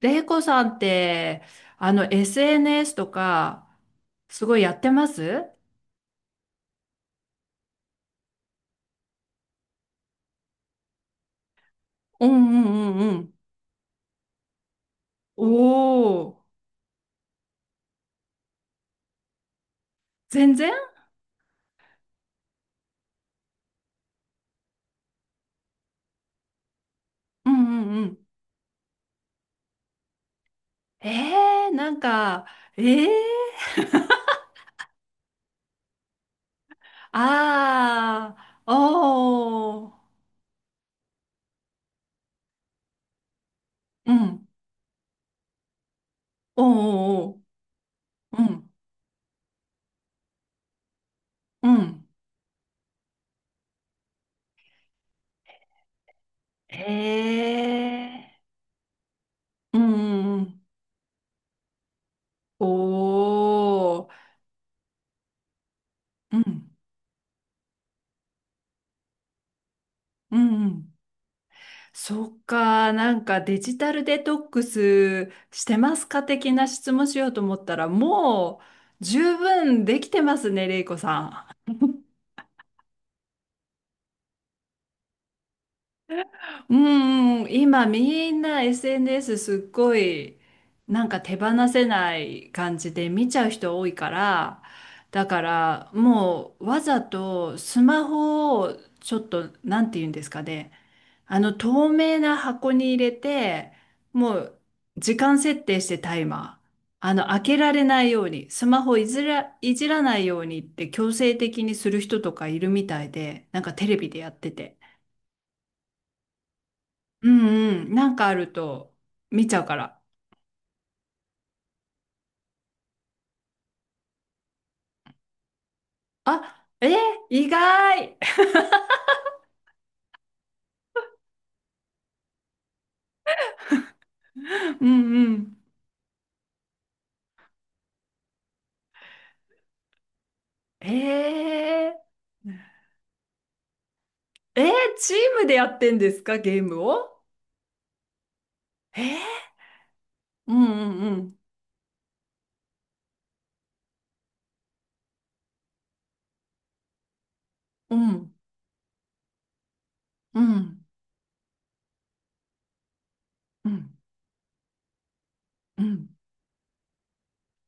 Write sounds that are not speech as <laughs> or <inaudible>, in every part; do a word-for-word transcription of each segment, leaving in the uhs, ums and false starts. レイコさんって、あの、エスエヌエス とか、すごいやってます？うんうんうんうん。おおー、全然。うんうんうん。えー、なんか、えー、<laughs> あー、おー、うん。おー、おーうん。うん。えー、うんうんうん。おー、うん。うんうん。そっか、なんかデジタルデトックスしてますか的な質問しようと思ったら、もう十分できてますね、れいこさん。うんうん、今みんな エスエヌエス すっごいなんか手放せない感じで見ちゃう人多いから、だからもうわざとスマホをちょっと、なんて言うんですかね、あの透明な箱に入れて、もう時間設定してタイマー。あの開けられないように、スマホいじら、いじらないようにって強制的にする人とかいるみたいで、なんかテレビでやってて。うんうん、なんかあると見ちゃうから。あ、えー、意外。 <laughs> うんうん。えー、えー、チームでやってんですか、ゲームを？えー、うんうんうん。うんうんうんうん。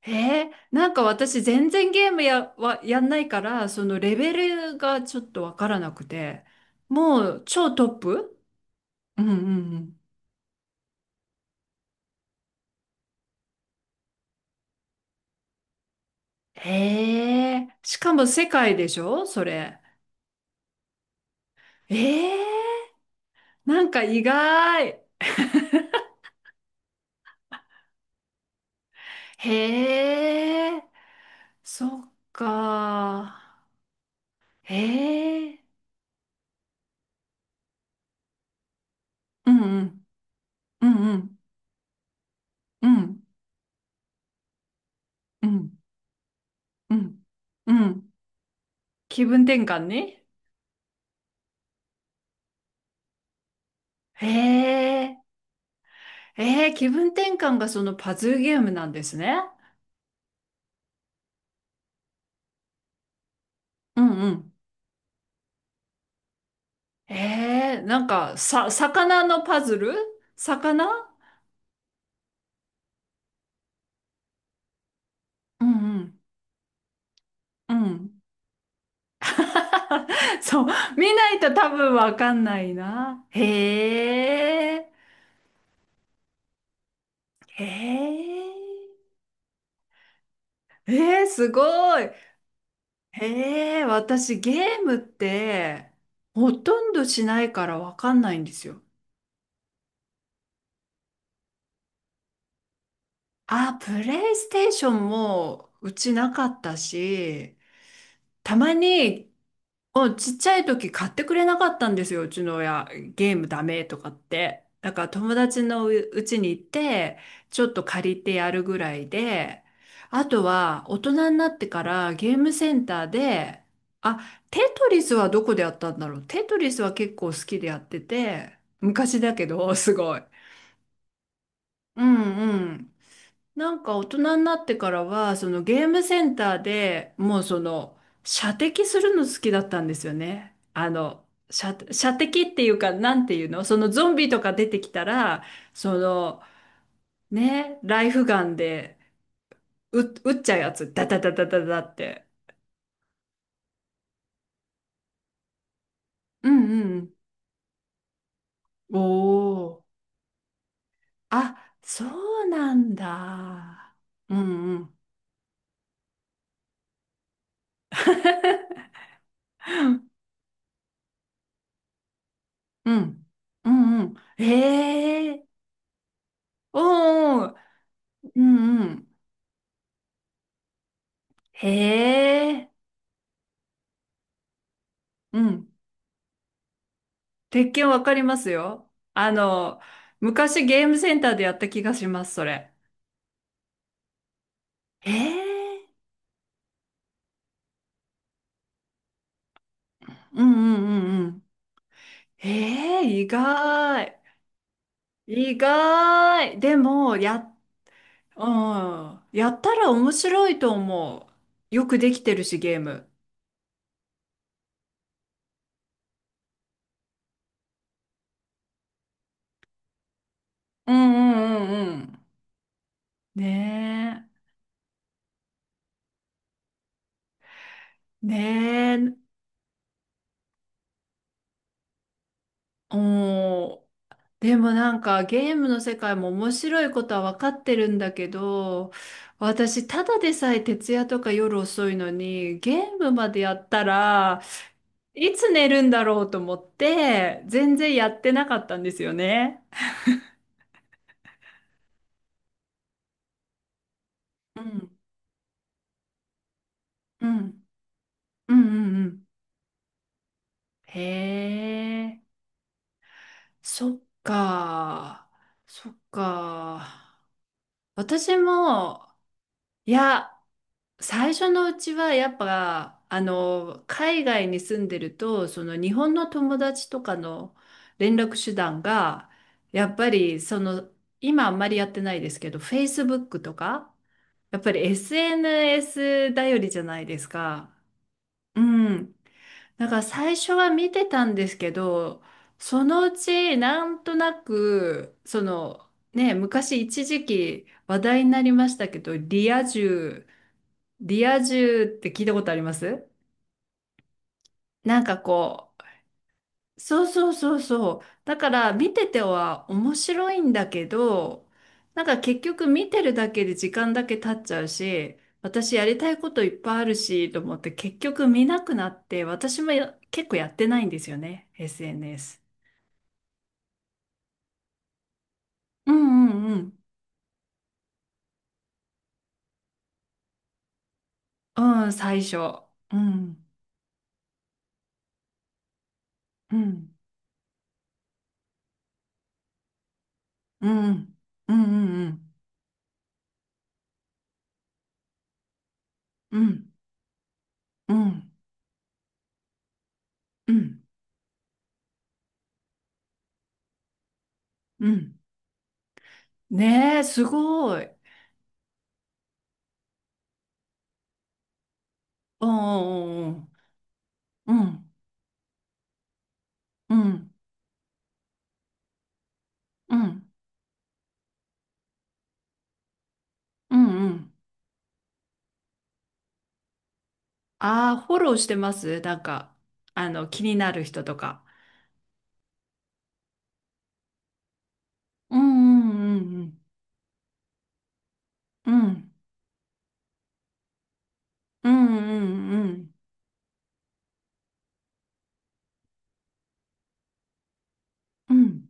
へえ、なんか私全然ゲームや、はやんないから、そのレベルがちょっとわからなくて、もう超トップ。うんうんうん。へえ、しかも世界でしょ、それ？ええ、なんか意外。へえ、そっか。へえ、うんうんうんうんうんうんうんうん。気分転換ね。へえ。えー、気分転換がそのパズルゲームなんですね。うんうん。えー、なんか、さ、魚のパズル？魚。うんうん。うん。<laughs> そう、見ないと多分わかんないな。へえ、へえ、えー、すごい。へえ、私ゲームってほとんどしないからわかんないんですよ。あ、プレイステーションもうちなかったし、たまに。うん、ちっちゃい時買ってくれなかったんですよ、うちの親。ゲームダメとかって。だから友達のううちに行って、ちょっと借りてやるぐらいで、あとは大人になってからゲームセンターで、あ、テトリスはどこでやったんだろう。テトリスは結構好きでやってて、昔だけど、すごい。うんうん。なんか大人になってからは、そのゲームセンターでもうその射的するの好きだったんですよね。あの、射、射的っていうか、なんていうの、そのゾンビとか出てきたら、そのね、ライフガンでう撃っちゃうやつ、ダダダダダダって。うんうん、おお。あ、そうなんだ。うんうん。<laughs> うん。うんうん。ええ。おーおー。うんうん。へえ、うん。鉄拳わかりますよ。あの、昔ゲームセンターでやった気がします、それ。へえ、うんうんうんうん。へえ、意外。意外。でも、や、うん。やったら面白いと思う。よくできてるし、ゲーム。うんうんうんうん。ねえ。ねえ。うん。でもなんかゲームの世界も面白いことは分かってるんだけど、私ただでさえ徹夜とか夜遅いのに、ゲームまでやったらいつ寝るんだろうと思って、全然やってなかったんですよね。うん、うん、うん、うんうん。へえ、そっか、そっか。私も、いや、最初のうちはやっぱあの海外に住んでるとその日本の友達とかの連絡手段が、やっぱりその、今あんまりやってないですけど Facebook とか、やっぱり エスエヌエス 頼りじゃないですか。うん。だから最初は見てたんですけど、そのうちなんとなく、その、ね、昔一時期話題になりましたけどリア充。リア充って聞いたことあります？なんかこう、そうそうそうそう。だから見てては面白いんだけど、なんか結局見てるだけで時間だけ経っちゃうし、私やりたいこといっぱいあるし、と思って結局見なくなって、私もや結構やってないんですよね、エスエヌエス。うんうんうん。うん、最初。うん、うん、うん、うん、うん、うん、うん、うん、うん。うん、ねえ、すごい。おん、うんうんうんうんうんああー、フォローしてます、なんかあの気になる人とか。うんうんうんうんうんうんうん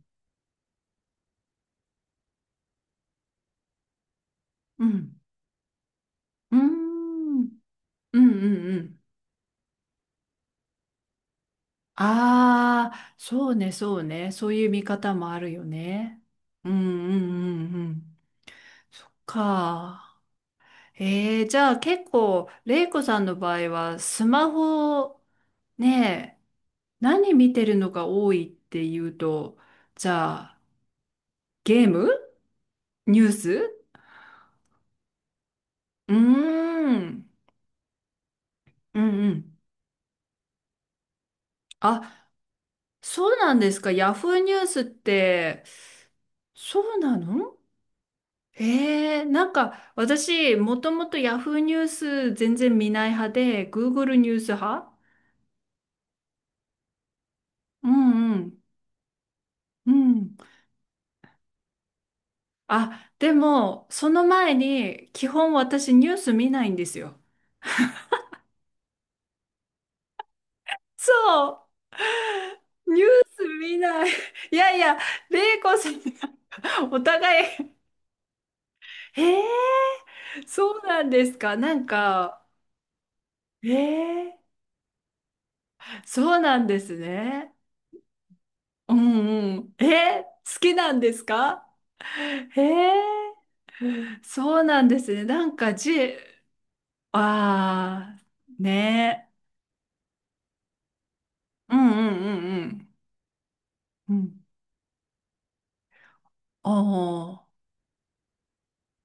うんうんうんうんうん、うん、ああー、そうね、そうね、そういう見方もあるよね。うんうんうんうん。そっか。えー、じゃあ結構レイコさんの場合はスマホ、ねえ、何見てるのが多いっていうと、じゃあ、ゲーム、ニュース。うーん。うんうん。あ、そうなんですか。ヤフーニュースって、そうなの？えー、なんか私、もともとヤフーニュース全然見ない派で、Google ニュース派。うんうん。うん。あ、でも、その前に、基本私ニュース見ないんですよ。そう。ニュース見ない。<laughs> いやいや、玲コさん、お互い、<laughs> へえ、そうなんですか。なんか、へえ、そうなんですね。うんうん。え、好きなんですか？へえ、そうなんですね。なんか、じ、ああ、ねえ。うんうんうんうん。うん。ああ、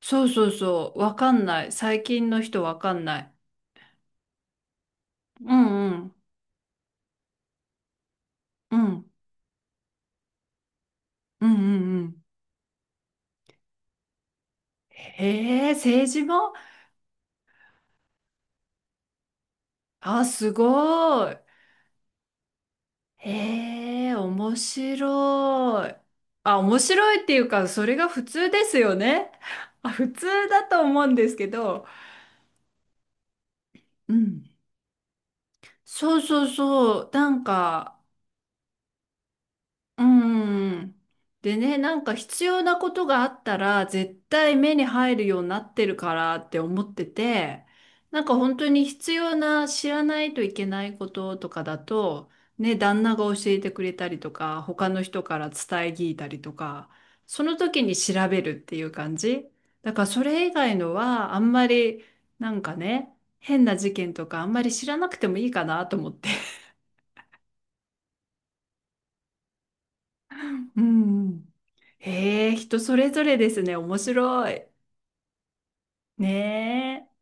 そうそうそう。わかんない。最近の人わかんない。うんうん。うん。うんうんうん。へえ、政治も。あ、すごい。へえ、面白い。あ、面白いっていうか、それが普通ですよね。あ、普通だと思うんですけど。うん。そうそうそう。なんか、うん。でね、なんか必要なことがあったら絶対目に入るようになってるからって思ってて、なんか本当に必要な知らないといけないこととかだと、ね、旦那が教えてくれたりとか、他の人から伝え聞いたりとか、その時に調べるっていう感じ。だからそれ以外のはあんまり、なんかね、変な事件とかあんまり知らなくてもいいかなと思って。<laughs> うん。へえ、人それぞれですね。面白い。ねえ。